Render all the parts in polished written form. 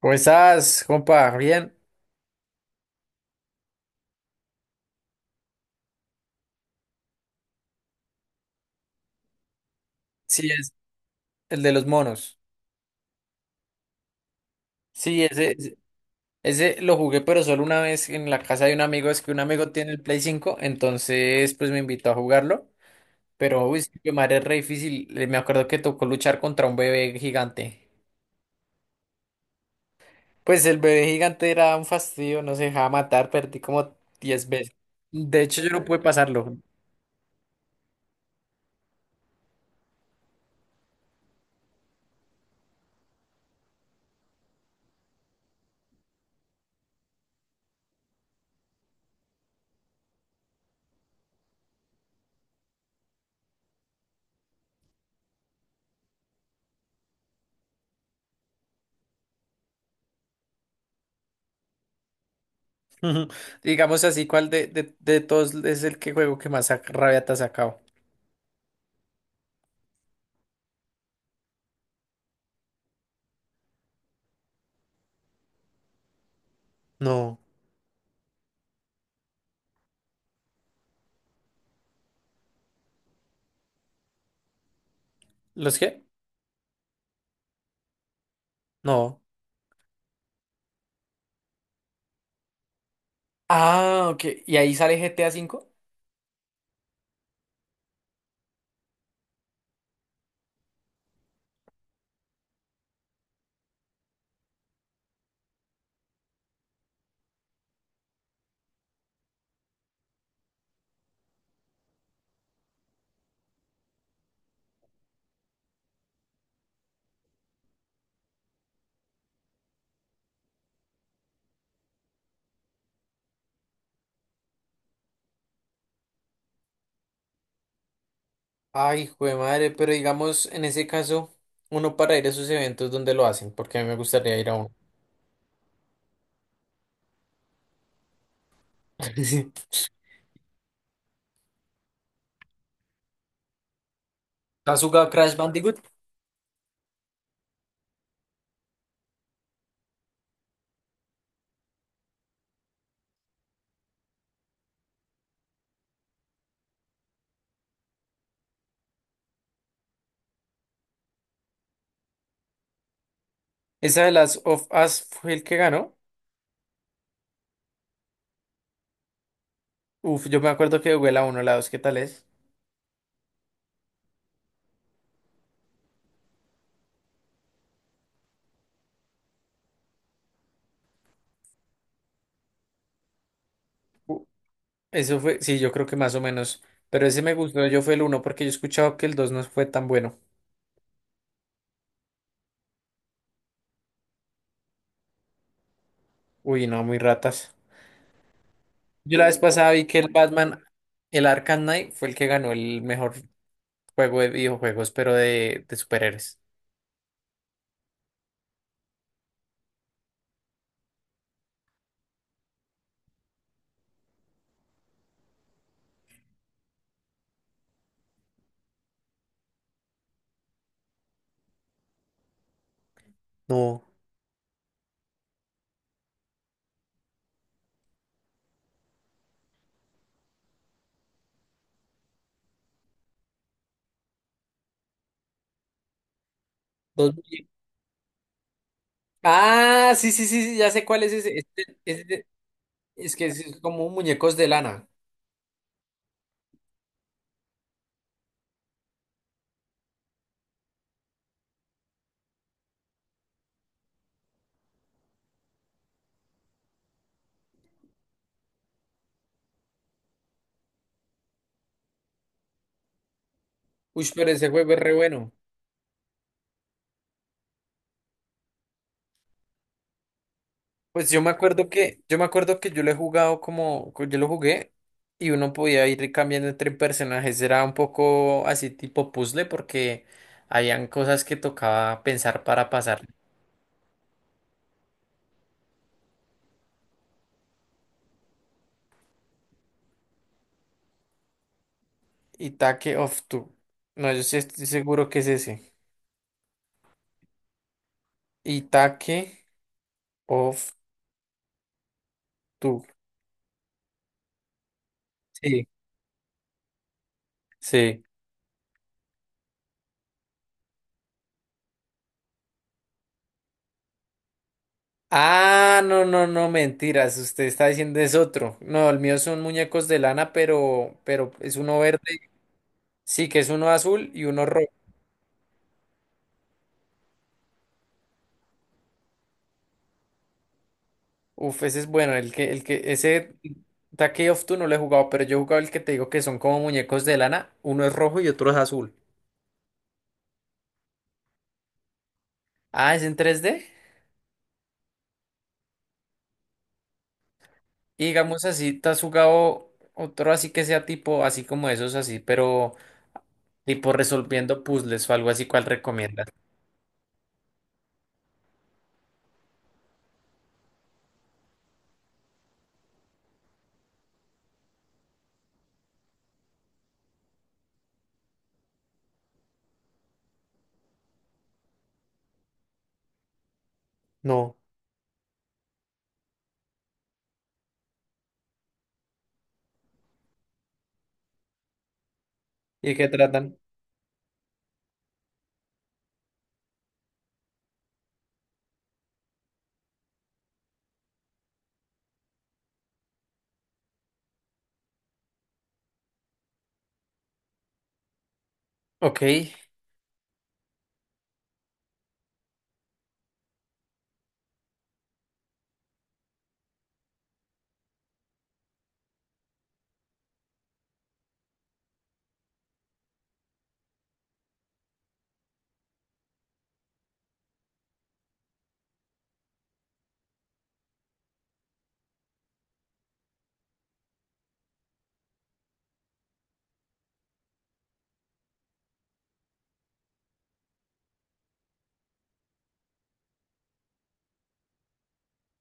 ¿Cómo estás, compa? Bien. Sí, es el de los monos. Sí, ese lo jugué, pero solo una vez en la casa de un amigo. Es que un amigo tiene el Play cinco, entonces pues me invitó a jugarlo. Pero, uy, que madre, es re difícil. Me acuerdo que tocó luchar contra un bebé gigante. Pues el bebé gigante era un fastidio, no se dejaba matar, perdí como 10 veces. De hecho, yo no pude pasarlo. Digamos así, ¿cuál de todos es el que juego que más rabia te ha sacado? No. ¿Los qué? No. Ah, ok. ¿Y ahí sale GTA cinco? Ay, jue madre, pero digamos, en ese caso, uno para ir a esos eventos donde lo hacen, porque a mí me gustaría ir a uno. Sí. ¿Has jugado Crash Bandicoot? Esa de las of Us fue el que ganó. Uf, yo me acuerdo que jugué la uno, la 2. ¿Qué tal es? U- eso fue, sí, yo creo que más o menos. Pero ese me gustó, yo fue el uno porque yo he escuchado que el 2 no fue tan bueno. Uy, no, muy ratas. Yo la vez pasada vi que el Batman, el Arkham Knight, fue el que ganó el mejor juego de videojuegos, pero de superhéroes. No. Dos muñe- ah, sí, sí, sí, sí, ya sé cuál es ese. Es es que es como muñecos de lana. Uy, pero ese juego es re bueno. Pues yo me acuerdo que, yo me acuerdo que yo lo he jugado como, yo lo jugué y uno podía ir cambiando entre personajes. Era un poco así tipo puzzle porque habían cosas que tocaba pensar para pasar. Itaque of Two. No, yo sí estoy seguro que es ese. Itaque of Two. Sí. Sí. Ah, no, no, no, mentiras. Usted está diciendo es otro. No, el mío son muñecos de lana, pero es uno verde. Sí, que es uno azul y uno rojo. Uf, ese es bueno. Ese Take of Two no lo he jugado, pero yo he jugado el que te digo que son como muñecos de lana. Uno es rojo y otro es azul. Ah, ¿es en tres d? Y digamos así, ¿te has jugado otro así que sea tipo, así como esos así, pero tipo resolviendo puzzles o algo así? ¿Cuál recomiendas? No. ¿Y de qué tratan? Ok.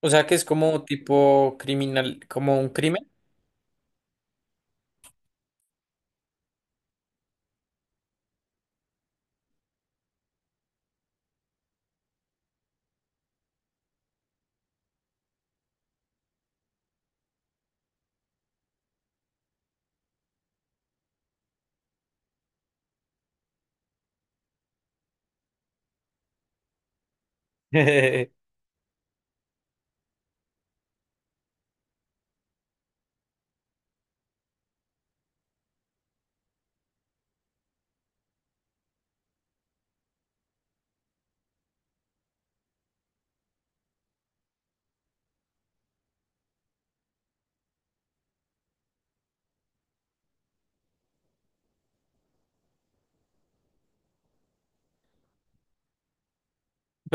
O sea que es como tipo criminal, como un crimen. Pero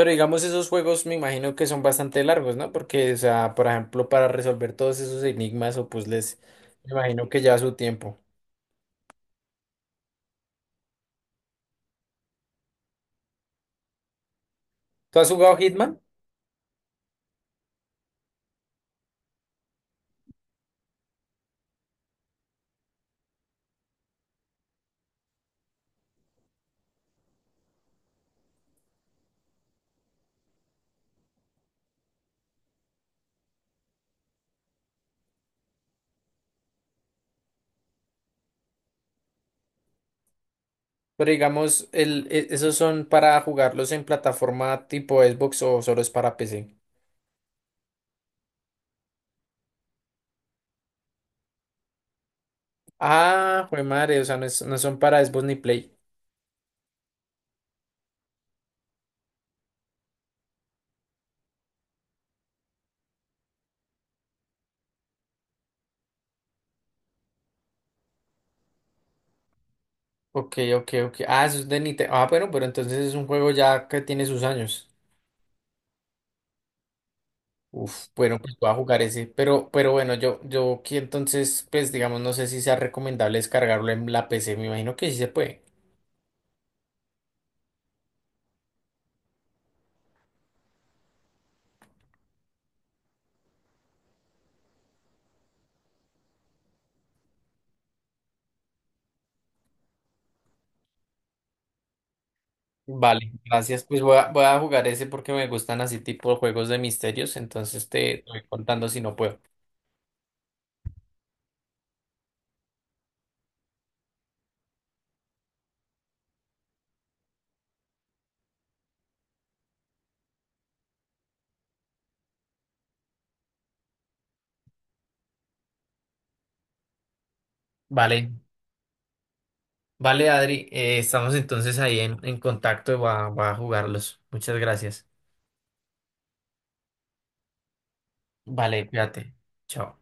digamos, esos juegos me imagino que son bastante largos, ¿no? Porque, o sea, por ejemplo, para resolver todos esos enigmas o puzzles, me imagino que lleva su tiempo. ¿Tú has jugado Hitman? Pero digamos, esos son para jugarlos en plataforma tipo Xbox o solo es para PC. Ah, jue madre, o sea, no, no son para Xbox ni Play. Ok, ok, ok. Ah, eso es de Nintendo. Ah, bueno, pero entonces es un juego ya que tiene sus años. Uf, bueno, pues voy a jugar ese, pero bueno, yo aquí entonces, pues digamos, no sé si sea recomendable descargarlo en la PC, me imagino que sí se puede. Vale, gracias, pues voy a jugar ese porque me gustan así tipo juegos de misterios, entonces te voy contando si no puedo. Vale, vale, Adri, estamos entonces ahí en contacto y voy a jugarlos. Muchas gracias. Vale, cuídate. Chao.